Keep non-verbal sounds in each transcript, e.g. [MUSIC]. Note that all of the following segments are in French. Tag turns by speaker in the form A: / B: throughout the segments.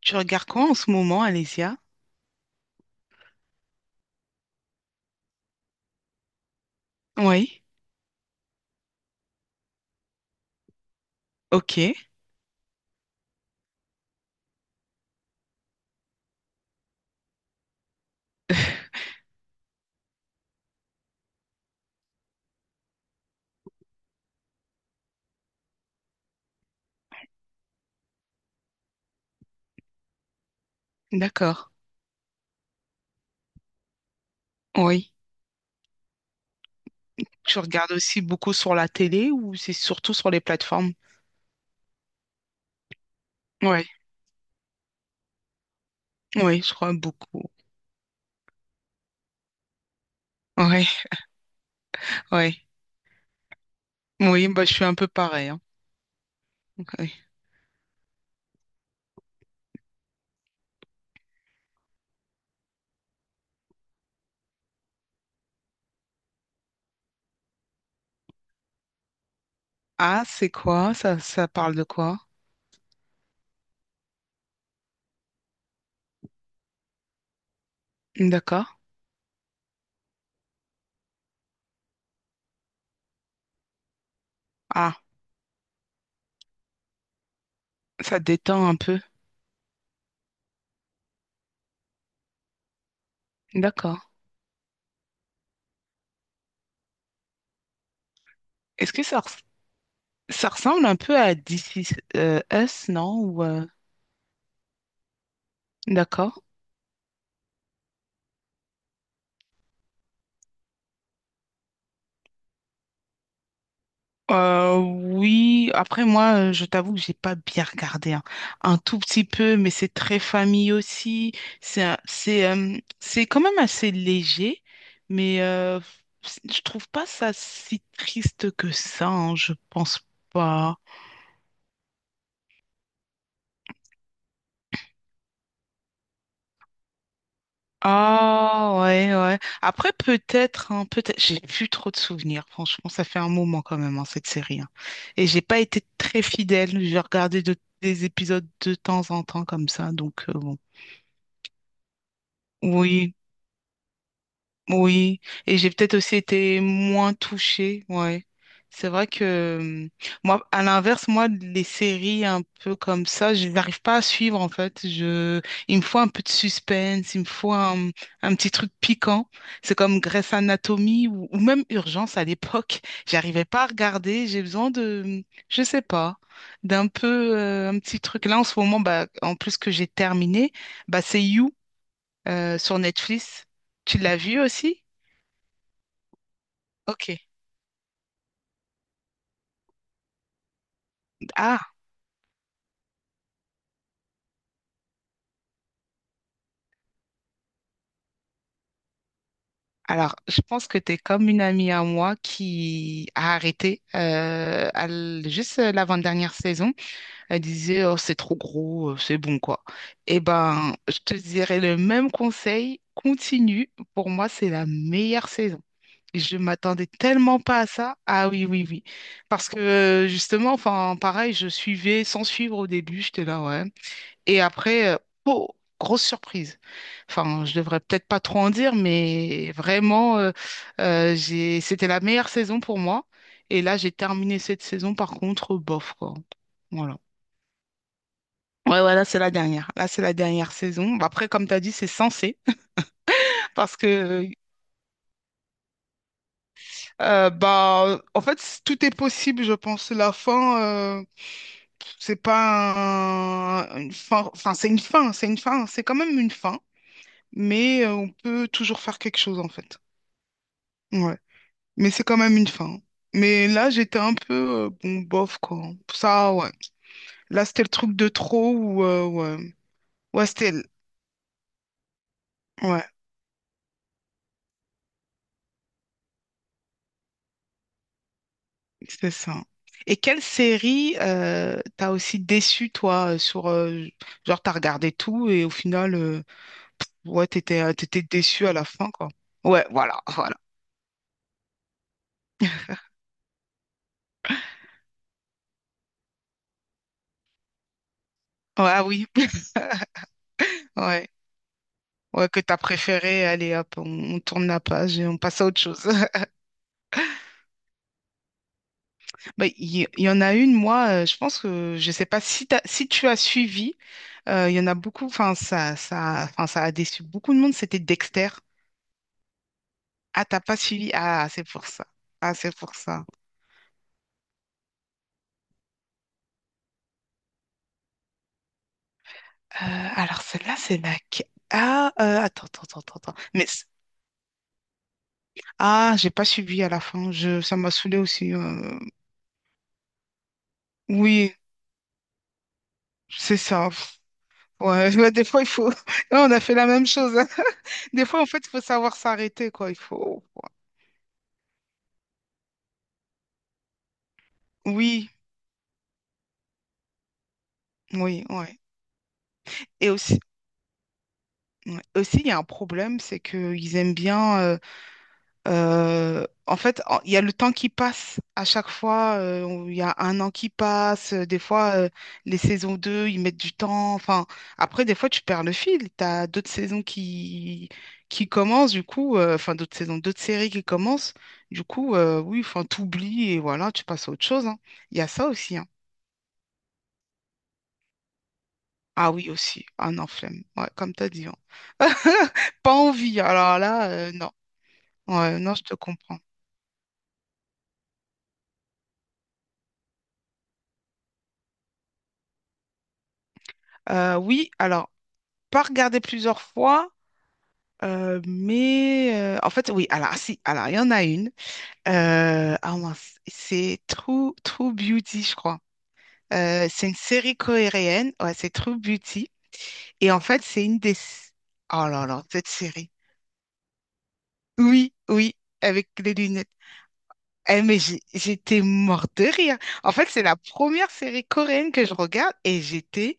A: Tu regardes quoi en ce moment, Alésia? Oui, ok, d'accord. Oui. Tu regardes aussi beaucoup sur la télé ou c'est surtout sur les plateformes? Oui, oui, je crois beaucoup. Oui, oui. Oui, bah, je suis un peu pareil, hein. Oui. Ah, c'est quoi? Ça parle de quoi? D'accord. Ah, ça détend un peu. D'accord. Est-ce que ça, res- Ça ressemble un peu à This Is Us, non? Ou, D'accord. Oui, après moi, je t'avoue que j'ai pas bien regardé, hein. Un tout petit peu, mais c'est très famille aussi. C'est un- c'est C'est quand même assez léger, mais je trouve pas ça si triste que ça, hein, je pense pas. Ah ouais ouais. Après peut-être hein, peut-être. J'ai plus trop de souvenirs. Franchement, ça fait un moment quand même hein, cette série, hein. Et j'ai pas été très fidèle. J'ai regardé de- Des épisodes de temps en temps comme ça, donc bon. Oui, oui. Et j'ai peut-être aussi été moins touchée, ouais. C'est vrai que moi, à l'inverse, moi, les séries un peu comme ça, je n'arrive pas à suivre en fait. Il me faut un peu de suspense, il me faut un, mmh, un petit truc piquant. C'est comme Grey's Anatomy ou même Urgence à l'époque. [LAUGHS] J'arrivais pas à regarder. J'ai besoin de, je sais pas, d'un peu un petit truc. Là, en ce moment, bah, en plus que j'ai terminé, bah, c'est You sur Netflix. Tu l'as vu aussi? Ok. Ah, alors, je pense que tu es comme une amie à moi qui a arrêté à l- juste l'avant-dernière saison. Elle disait, oh, c'est trop gros, c'est bon, quoi. Eh ben, je te dirais le même conseil, continue. Pour moi, c'est la meilleure saison. Je m'attendais tellement pas à ça. Ah oui, oui, oui. Parce que justement, enfin, pareil, je suivais sans suivre au début. J'étais là, ouais. Et après, oh, grosse surprise. Enfin, je devrais peut-être pas trop en dire, mais vraiment, c'était la meilleure saison pour moi. Et là, j'ai terminé cette saison, par contre, bof, quoi. Voilà. Ouais, ouais, là, c'est la dernière. Là, c'est la dernière saison. Bah, après, comme tu as dit, c'est censé. [LAUGHS] Parce que, bah, en fait, tout est possible, je pense. La fin, euh, c'est pas un- une fin. Enfin, c'est une fin. C'est une fin. C'est quand même une fin. Mais on peut toujours faire quelque chose, en fait. Ouais, mais c'est quand même une fin. Mais là, j'étais un peu, bon, bof, quoi. Ça, ouais. Là, c'était le truc de trop ou, ouais. Ouais, c'était, l- ouais, c'est ça. Et quelle série t'as aussi déçu, toi, sur, genre, t'as regardé tout et au final, ouais, t'étais, t'étais déçu à la fin, quoi. Ouais, voilà, [LAUGHS] voilà. Ouais, ah oui, [LAUGHS] ouais. Ouais, que t'as préféré, allez, hop, on tourne la page et on passe à autre chose. Bah, il y en a une, moi, je pense que je sais pas si, si tu as suivi, il y en a beaucoup, enfin ça a déçu beaucoup de monde, c'était Dexter. Ah, t'as pas suivi? Ah, c'est pour ça. Ah, c'est pour ça. Alors celle-là, c'est la... que- Ah, attends. Ah, j'ai pas suivi à la fin, ça m'a saoulé aussi, euh. Oui, c'est ça. Pff, ouais, [LAUGHS] ouais, des fois, il faut... [LAUGHS] On a fait la même chose, hein. [LAUGHS] Des fois, en fait, il faut savoir s'arrêter, quoi. Il faut... ouais. Oui, oui, ouais. Et aussi, ouais. Aussi, il y a un problème, c'est qu'ils aiment bien, en fait, il y a le temps qui passe à chaque fois, il y a un an qui passe, euh. Des fois, les saisons 2 ils mettent du temps. Enfin, après, des fois, tu perds le fil. Tu as d'autres saisons qui commencent, du coup, euh. Enfin, d'autres saisons, d'autres séries qui commencent. Du coup, oui, enfin, t'oublies et voilà, tu passes à autre chose, hein. Il y a ça aussi, hein. Ah oui, aussi. Ah non, flemme. Ouais, comme t'as dit, hein. [LAUGHS] Pas envie. Alors là, non. Ouais, non, je te comprends. Oui, alors, pas regarder plusieurs fois, en fait, oui, alors, si, alors, il y en a une. Ah mince, c'est True Beauty, je crois. C'est une série coréenne, ouais, c'est True Beauty. Et en fait, c'est une des. Oh là là, cette série. Oui, oui, avec les lunettes. Eh, j'étais morte de rire. En fait, c'est la première série coréenne que je regarde et j'étais.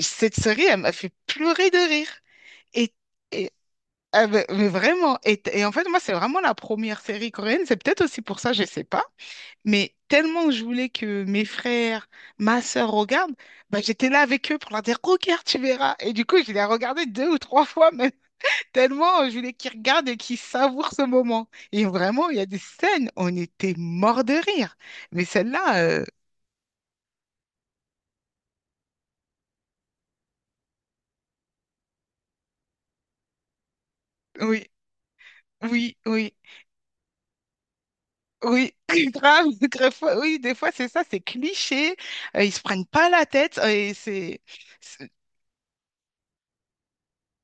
A: Cette série, elle m'a fait pleurer de rire. Et, et- ah, mais vraiment, et en fait, moi, c'est vraiment la première série coréenne. C'est peut-être aussi pour ça, je sais pas. Mais tellement je voulais que mes frères, ma sœur regardent, bah, j'étais là avec eux pour leur dire, regarde, tu verras. Et du coup, je les ai regardés deux ou trois fois même, [LAUGHS] tellement je voulais qu'ils regardent et qu'ils savourent ce moment. Et vraiment, il y a des scènes, on était morts de rire. Mais celle-là, oui, oui, oui. Oui, [LAUGHS] oui, des fois c'est ça, c'est cliché, ils se prennent pas la tête, c'est-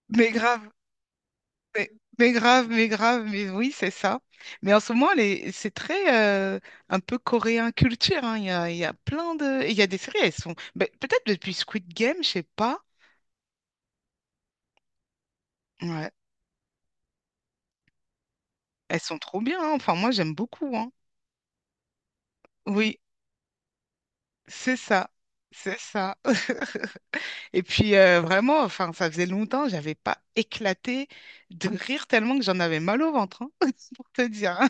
A: mais grave, mais, mais grave, mais oui, c'est ça. Mais en ce moment, c'est très un peu coréen culture, hein. Il y a, il y a des séries, elles sont, ben, peut-être depuis Squid Game, je sais pas, ouais, elles sont trop bien, hein. Enfin moi j'aime beaucoup, hein. Oui, c'est ça, c'est ça. Et puis vraiment, enfin, ça faisait longtemps, j'avais pas éclaté de rire tellement que j'en avais mal au ventre, hein, [LAUGHS] pour te dire, hein.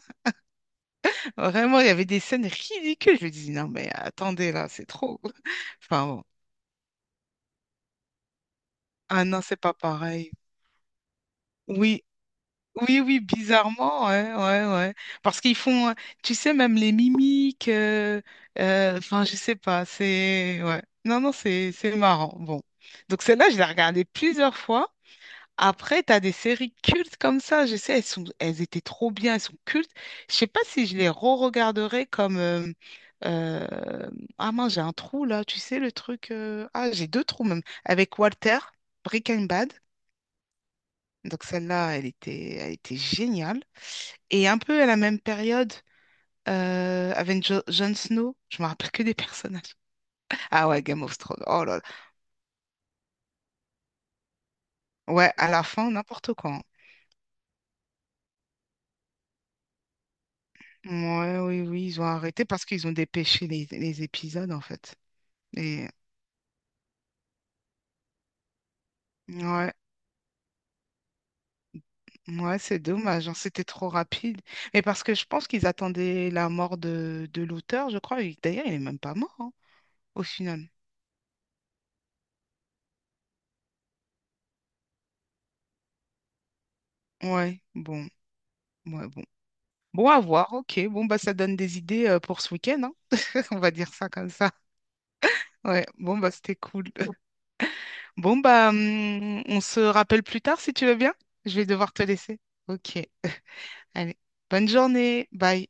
A: Vraiment, il y avait des scènes ridicules. Je me dis, non mais attendez là, c'est trop. Enfin bon. Ah non, c'est pas pareil. Oui, oui, oui, bizarrement, ouais, ouais, ouais. Parce qu'ils font, tu sais, même les mimiques, enfin, je sais pas, c'est, ouais. Non, non, c'est marrant. Bon. Donc celle-là, je l'ai regardée plusieurs fois. Après, t'as des séries cultes comme ça, je sais, elles sont, elles étaient trop bien, elles sont cultes. Je sais pas si je les re-regarderais comme... euh, ah mince, j'ai un trou là, tu sais, le truc... euh. Ah, j'ai deux trous même. Avec Breaking Bad. Donc celle-là, elle était géniale. Et un peu à la même période, avec Jon Snow, je me rappelle que des [LAUGHS] personnages. Ah ouais, Game of Thrones, oh là là. Ouais, à la fin, n'importe quoi, hein. Ouais, oui, oui, ils ont arrêté parce qu'ils ont dépêché les épisodes, en fait. Et ouais, ouais, c'est dommage, hein, c'était trop rapide. Mais parce que je pense qu'ils attendaient la mort de l'auteur, je crois. Et d'ailleurs, il est même pas mort, hein, au final. Ouais, bon, ouais, bon. Bon, à voir, ok. Bon, bah, ça donne des idées pour ce week-end, hein. [LAUGHS] On va dire ça comme ça. Ouais, bon, bah, c'était cool. [LAUGHS] Bon, bah, on se rappelle plus tard si tu veux bien. Je vais devoir te laisser. Ok, allez. Bonne journée, bye.